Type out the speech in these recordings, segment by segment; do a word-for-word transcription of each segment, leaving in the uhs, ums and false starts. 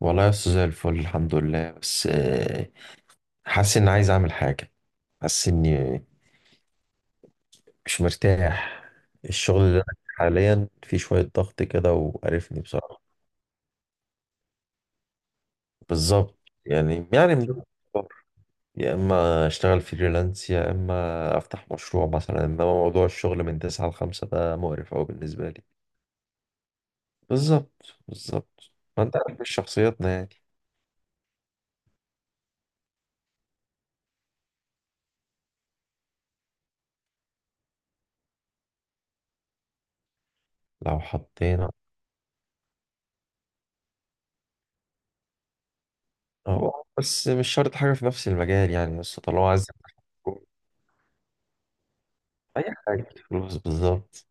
والله يا أستاذ زي الفل الحمد لله بس آه، حاسس إني عايز أعمل حاجة. حاسس إني مش مرتاح. الشغل اللي أنا فيه حاليا فيه شوية ضغط كده وقرفني بصراحة. بالظبط. يعني يعني من ضمن الأفكار، يا إما أشتغل فريلانس يا إما أفتح مشروع مثلا، إنما موضوع الشغل من تسعة لخمسة ده مقرف أوي بالنسبة لي. بالظبط بالظبط. ما أنت عارف مش شخصيتنا يعني. لو حطينا. هو بس مش شرط حاجة في نفس المجال يعني، بس طالما عايز اي حاجه فلوس بالظبط.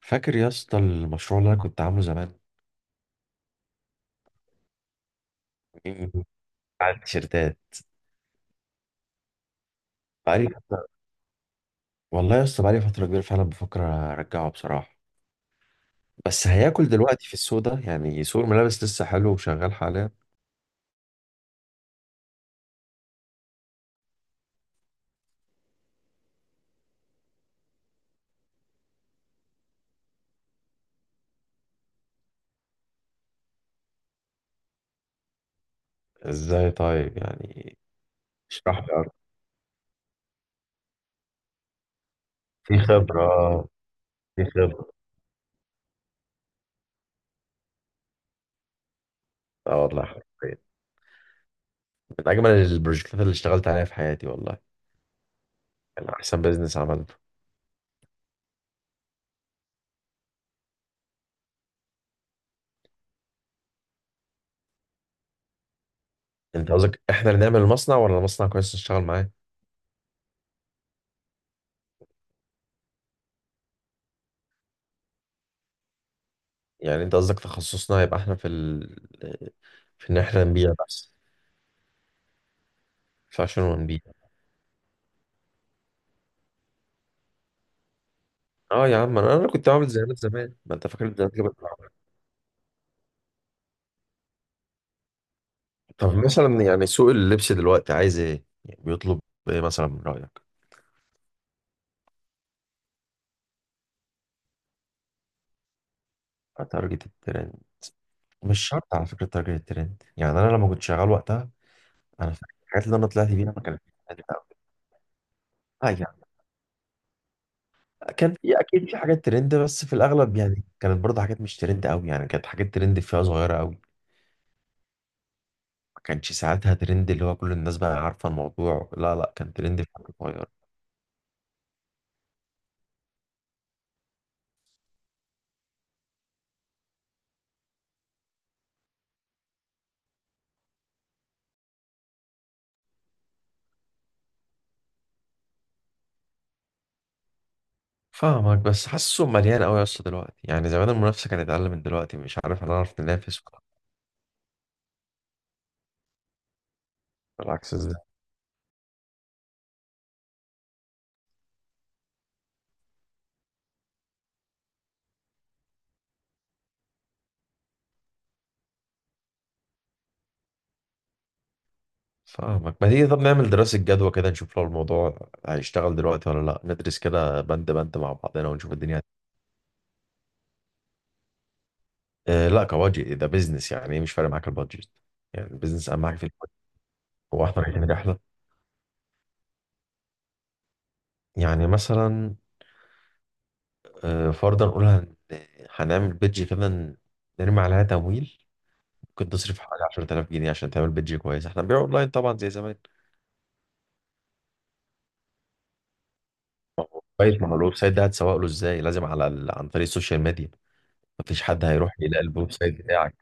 فاكر يا اسطى المشروع اللي انا كنت عامله زمان؟ بتاع التيشيرتات. بقالي فترة- والله يا اسطى بقالي فتره كبيره فعلا بفكر ارجعه بصراحه. بس هياكل دلوقتي في السوق ده؟ يعني سوق الملابس لسه حلو وشغال حاليا. ازاي طيب يعني؟ اشرح لي اكتر. في خبره، في خبره. اه والله حرفيا من اجمل البروجكتات اللي اشتغلت عليها في حياتي والله. يعني احسن بيزنس عملته. انت قصدك احنا اللي نعمل المصنع ولا المصنع كويس نشتغل معاه؟ يعني انت قصدك تخصصنا هيبقى احنا في ال... في ان احنا نبيع بس. في عشان ونبيع. اه يا عم انا انا كنت عامل زيارات زمان، ما انت فاكر الزيارات اللي كنت بعملها. طب مثلا يعني سوق اللبس دلوقتي عايز ايه، يعني بيطلب ايه مثلا من رايك؟ تارجت الترند. مش شرط على فكره تارجت الترند، يعني انا لما كنت شغال وقتها انا فاكر الحاجات اللي انا طلعت بيها ما كانتش ترند قوي اه يعني. كان في اكيد في حاجات ترند بس في الاغلب يعني كانت برضه حاجات مش ترند قوي، يعني كانت حاجات ترند فيها صغيره قوي. ما كانش ساعتها ترند اللي هو كل الناس بقى عارفة الموضوع، لا لا، كان ترند في حاجة صغيرة. فاهمك بس حاسه مليان قوي يا اسطى دلوقتي، يعني زمان المنافسة كانت أقل من دلوقتي مش عارف أنا أعرف ننافس ولا- بالعكس ده. فاهمك. ما تيجي طب نعمل دراسة جدوى كده، نشوف لو الموضوع هيشتغل دلوقتي ولا لا، ندرس كده بند بند مع بعضنا ونشوف الدنيا. اه لا كواجه ده بيزنس، يعني ايه مش فارق معاك البادجت. يعني البيزنس أهم حاجة في البادجت. هو احنا رايحين رحلة يعني مثلا؟ اه فرضا نقول هن- هنعمل بيدج كده، ن- نرمي عليها تمويل. ممكن تصرف حوالي عشرة آلاف جنيه عشان تعمل بيدج كويس، احنا بنبيع اونلاين طبعا زي زمان. كويس، ما هو الويب سايت ده هتسوق له ازاي؟ لازم على ال... عن طريق السوشيال ميديا. مفيش حد هيروح يلاقي الويب سايت بتاعك.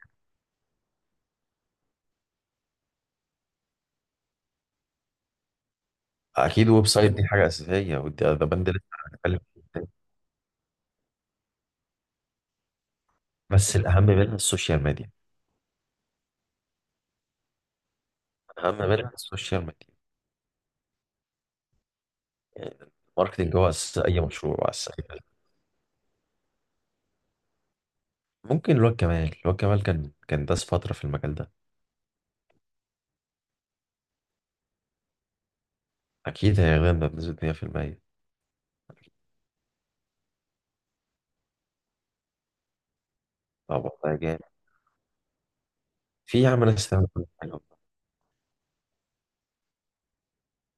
اكيد الويب سايت دي حاجه اساسيه ودي ده بند لسه هنتكلم فيه تاني. بس الاهم منها السوشيال ميديا. الاهم منها السوشيال ميديا يعني. الماركتنج هو اساس اي مشروع واساس أي حاجة. ممكن الواد كمال، الواد كمال كان كان داس فتره في المجال ده. اكيد هيغنى بنسبه مية بالمية. طبعا ده جامد. في يا عم ناس تعمل كل حاجة.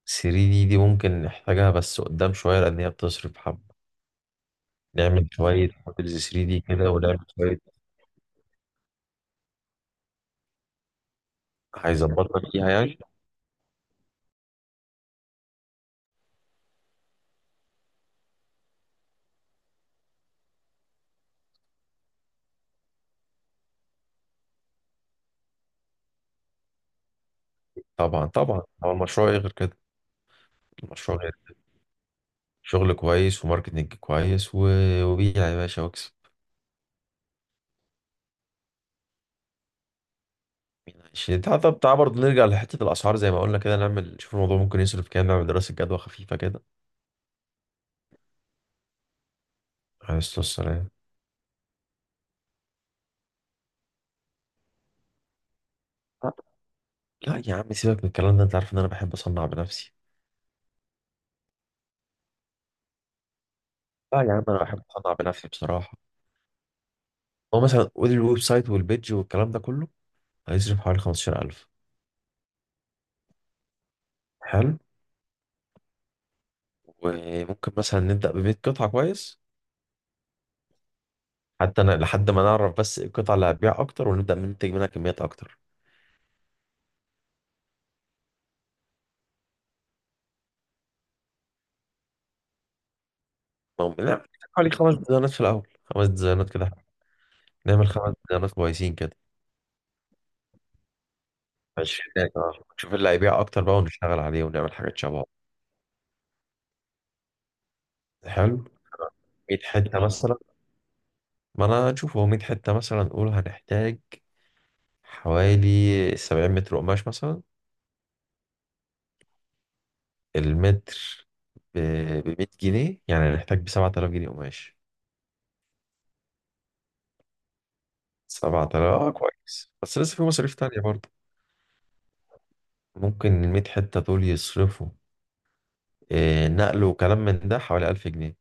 3 دي، دي ممكن نحتاجها بس قدام شوية لأن هي بتصرف حبة. نعمل شوية موديلز 3 دي كده ونعمل شوية. هيظبطنا فيها يعني. طبعا طبعا، هو المشروع إيه غير كده؟ المشروع غير شغل كويس وماركتنج كويس و... وبيع يا باشا واكسب. مين عايشين؟ تعال، طب تعال برضه نرجع لحتة الأسعار زي ما قلنا كده، نعمل نشوف الموضوع ممكن يصرف كام، نعمل دراسة جدوى خفيفة كده. عليه الصلاة والسلام. لا لا يا عم سيبك من الكلام ده، أنت عارف إن أنا بحب أصنع بنفسي. لا يا عم أنا بحب أصنع بنفسي بصراحة. هو مثلا قول الويب سايت والبيدج والكلام ده كله هيصرف حوالي خمستاشر ألف. حلو. وممكن مثلا نبدأ ب ميت قطعة كويس. حتى أنا لحد ما نعرف بس إيه القطعة اللي هتبيع أكتر ونبدأ من ننتج منها كميات أكتر. ممكن نعمل حوالي خمس ديزاينات في الأول، خمس ديزاينات كده. نعمل خمس ديزاينات كويسين كده. عشرين دقيقة، نشوف اللي هيبيع أكتر بقى ونشتغل عليه ونعمل حاجات شبهه. حلو. مية حتة مثلا، ما أنا نشوف هو ميت حتة مثلا نقول هنحتاج حوالي سبعين متر قماش مثلا. المتر ب ميت جنيه يعني هنحتاج ب سبعة آلاف جنيه قماش. سبعة آلاف آه كويس بس لسه في مصاريف تانية برضه. ممكن الميت حتة دول يصرفوا إيه، نقل وكلام من ده حوالي ألف جنيه.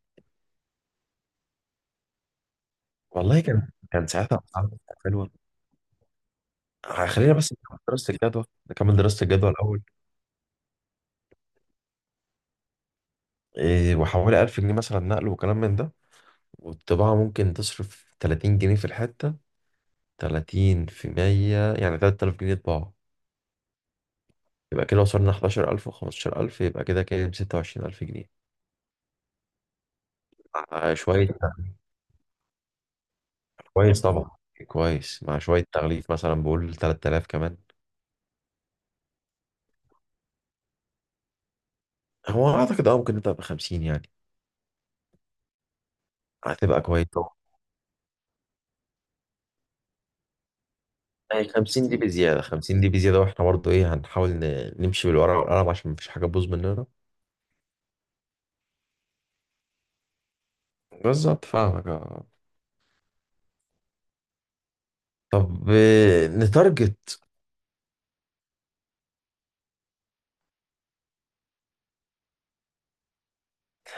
والله كان كان ساعتها أسعار حلوة. آه، خلينا بس نكمل دراسة الجدوى. نكمل دراسة الجدوى الأول. إيه، وحوالي ألف جنيه مثلا نقل وكلام من ده. والطباعة ممكن تصرف تلاتين جنيه في الحتة. ثلاثين في مية يعني تلات آلاف جنيه طباعة. يبقى كده وصلنا حداشر ألف و15000، يبقى كده كام؟ ستة وعشرين ألف جنيه. مع شوية. كويس طبعا. كويس، مع شوية تغليف مثلا بقول تلات آلاف كمان. هو أعتقد أه ممكن نبدأ ب خمسين يعني. هتبقى كويس طبعا. يعني خمسين دي بزيادة خمسين دي بزيادة، وإحنا برضه إيه هنحاول ن- نمشي بالورقة والقلم عشان مفيش حاجة تبوظ مننا. بالظبط فاهمك أه. طب آه، نتارجت.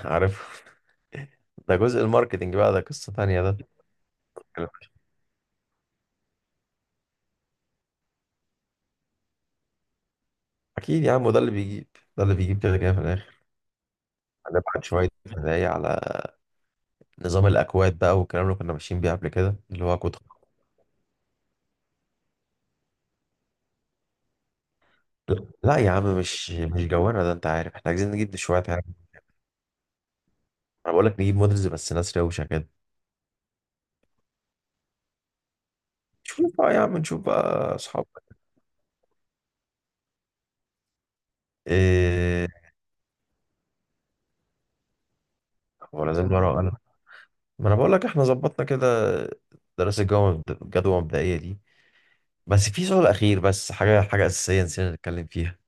عارف. ده جزء الماركتينج بقى، ده قصة تانية ده. أكيد يا عم، وده اللي بيجيب، ده اللي بيجيب كده كده في الآخر. هنبعت شوية هدايا على نظام الأكواد بقى، والكلام اللي كنا ماشيين بيه قبل كده اللي هو كود. لا يا عم مش مش جوانا ده، انت عارف احنا عايزين نجيب شويه حاجه. انا بقول لك نجيب مودلز بس ناس روشه كده. نشوف بقى يا عم، نشوف بقى اصحاب. ايه. ولا لازم ورقه وقلم. ما انا بقول لك احنا ظبطنا كده. دراسه الجو مبد- الجدوى المبدئيه دي. بس في سؤال اخير، بس حاجه حاجه اساسيه نسينا نتكلم فيها.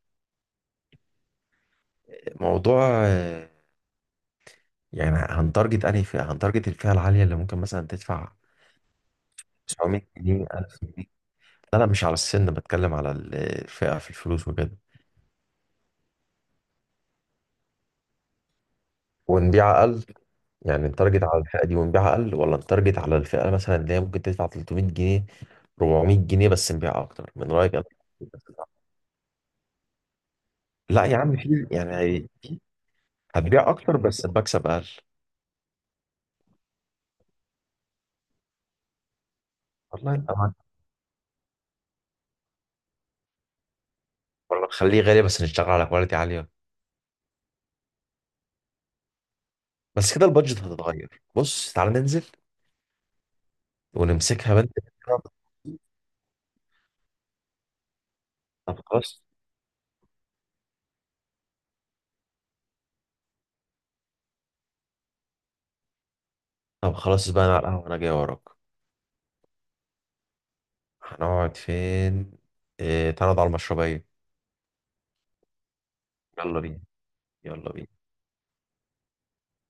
موضوع آه، يعني هنتارجت انهي فئه، هنتارجت الفئه العاليه اللي ممكن مثلا تدفع تسعمية جنيه ألف جنيه؟ لا لا مش على السن، بتكلم على ال- الفئه في الفلوس وكده، ونبيع اقل. يعني التارجت على الفئة دي ونبيعها أقل، ولا التارجت على الفئة مثلا اللي هي ممكن تدفع تلتمية جنيه اربعمية جنيه بس نبيع أكتر، من رأيك أنا؟ لا يا عم في يعني هي- في- هتبيع أكتر بس المكسب أقل. والله أنت معاك. ولا نخليه غالي بس نشتغل على كواليتي عالية. بس كده البادجت هتتغير، بص تعالى ننزل ونمسكها بنت. طب خلاص. طب خلاص بقى، أنا على القهوة أنا جاي وراك. هنقعد فين؟ إيه تعالى نقعد على المشربية. يلا بينا. يلا بينا.